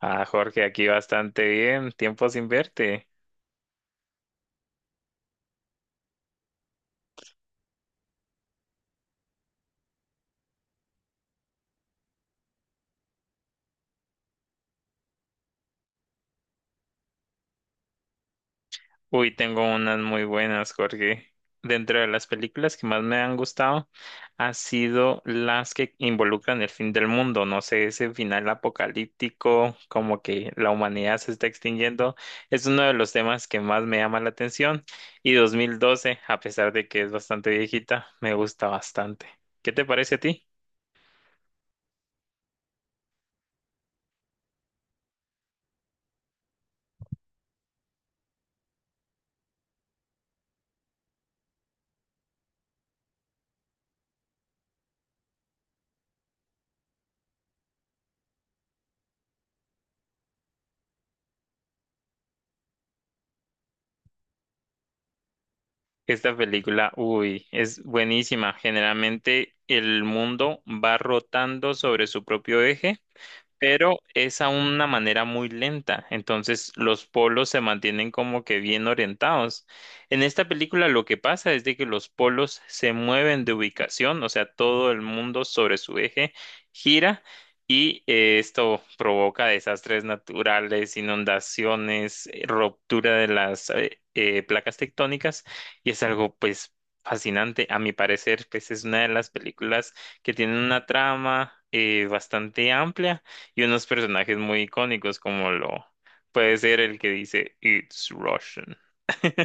Ah, Jorge, aquí bastante bien. Tiempo sin verte. Uy, tengo unas muy buenas, Jorge. Dentro de las películas que más me han gustado, ha sido las que involucran el fin del mundo. No sé, ese final apocalíptico, como que la humanidad se está extinguiendo, es uno de los temas que más me llama la atención. Y 2012, a pesar de que es bastante viejita, me gusta bastante. ¿Qué te parece a ti? Esta película, uy, es buenísima. Generalmente el mundo va rotando sobre su propio eje, pero es a una manera muy lenta, entonces los polos se mantienen como que bien orientados. En esta película lo que pasa es de que los polos se mueven de ubicación, o sea, todo el mundo sobre su eje gira y esto provoca desastres naturales, inundaciones, ruptura de las placas tectónicas, y es algo pues fascinante, a mi parecer. Pues es una de las películas que tiene una trama bastante amplia y unos personajes muy icónicos como lo puede ser el que dice It's Russian.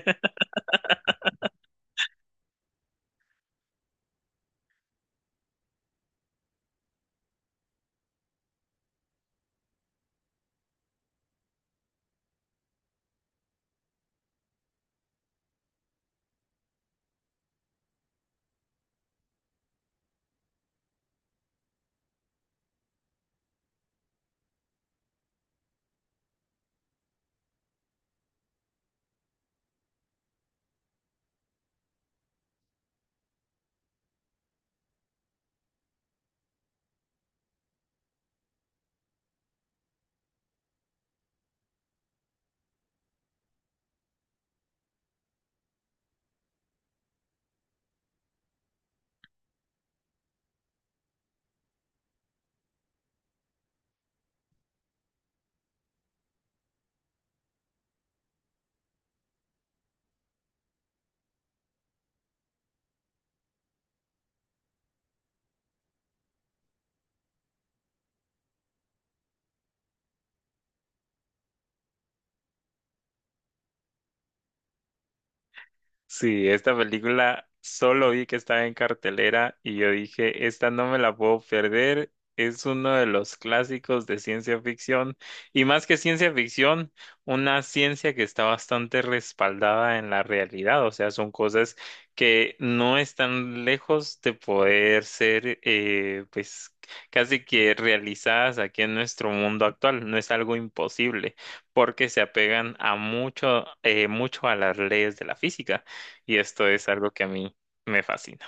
Sí, esta película solo vi que estaba en cartelera y yo dije, esta no me la puedo perder. Es uno de los clásicos de ciencia ficción, y más que ciencia ficción, una ciencia que está bastante respaldada en la realidad. O sea, son cosas que no están lejos de poder ser, pues, casi que realizadas aquí en nuestro mundo actual. No es algo imposible porque se apegan a mucho, mucho a las leyes de la física. Y esto es algo que a mí me fascina.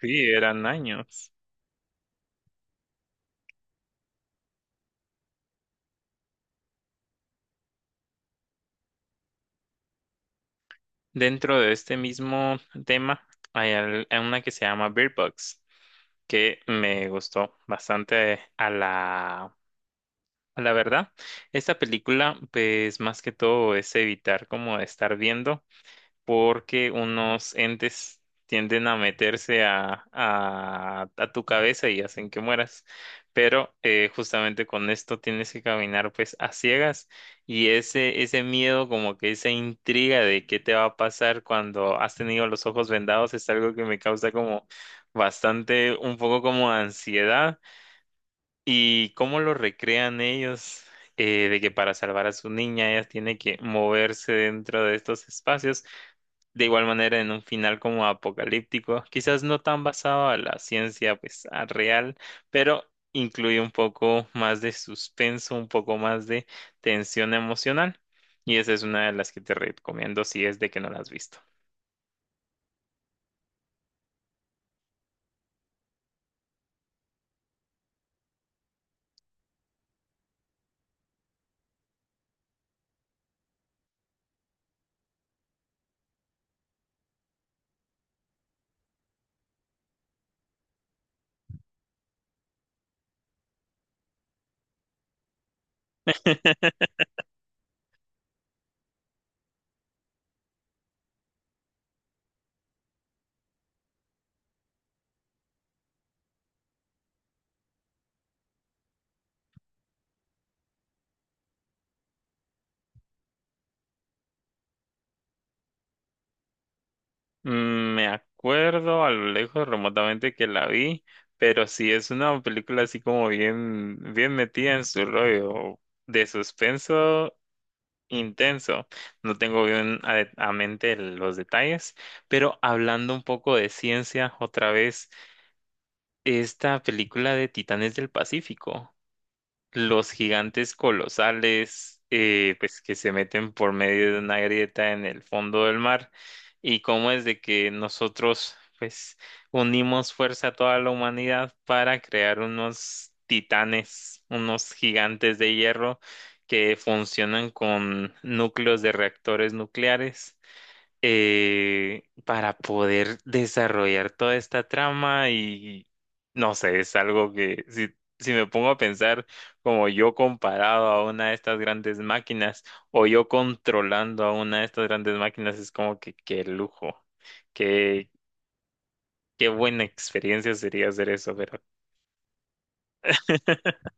Sí, eran años. Dentro de este mismo tema hay hay una que se llama Bird Box, que me gustó bastante a la verdad. Esta película pues más que todo es evitar como estar viendo, porque unos entes tienden a meterse a tu cabeza y hacen que mueras. Pero justamente con esto tienes que caminar pues a ciegas, y ese miedo, como que esa intriga de qué te va a pasar cuando has tenido los ojos vendados es algo que me causa como bastante, un poco como ansiedad. ¿Y cómo lo recrean ellos? De que para salvar a su niña ella tiene que moverse dentro de estos espacios, de igual manera en un final como apocalíptico, quizás no tan basado a la ciencia pues a real, pero incluye un poco más de suspenso, un poco más de tensión emocional. Y esa es una de las que te recomiendo si es de que no la has visto. Mm, me acuerdo a lo lejos remotamente que la vi, pero sí es una película así como bien, bien metida en su rollo de suspenso intenso. No tengo bien a mente los detalles, pero hablando un poco de ciencia, otra vez, esta película de Titanes del Pacífico, los gigantes colosales, pues que se meten por medio de una grieta en el fondo del mar, y cómo es de que nosotros, pues, unimos fuerza a toda la humanidad para crear unos titanes, unos gigantes de hierro que funcionan con núcleos de reactores nucleares, para poder desarrollar toda esta trama. Y no sé, es algo que si, si me pongo a pensar como yo comparado a una de estas grandes máquinas o yo controlando a una de estas grandes máquinas, es como que qué lujo, qué, qué buena experiencia sería hacer eso, pero...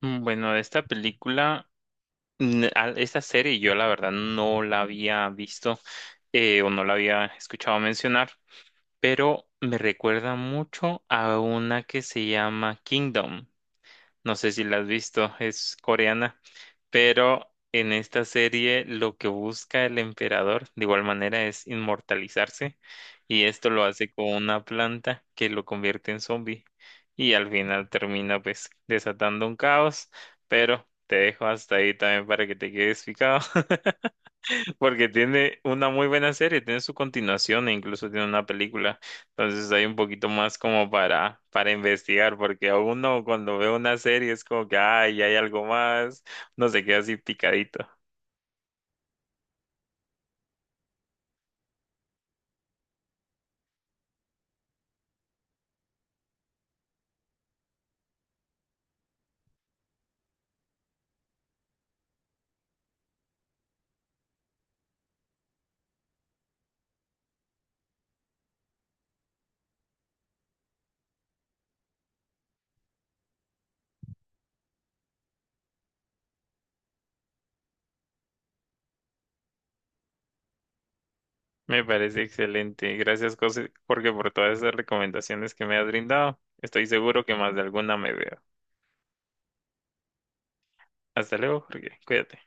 Mm, bueno, de esta película, esta serie yo la verdad no la había visto, o no la había escuchado mencionar. Pero me recuerda mucho a una que se llama Kingdom. No sé si la has visto, es coreana, pero en esta serie lo que busca el emperador de igual manera es inmortalizarse, y esto lo hace con una planta que lo convierte en zombie, y al final termina pues desatando un caos, pero te dejo hasta ahí también para que te quedes picado. Porque tiene una muy buena serie, tiene su continuación e incluso tiene una película. Entonces hay un poquito más como para investigar, porque a uno cuando ve una serie es como que, ay, hay algo más, no se queda así picadito. Me parece excelente. Gracias, José, porque por todas esas recomendaciones que me has brindado, estoy seguro que más de alguna me veo. Hasta luego, Jorge. Cuídate.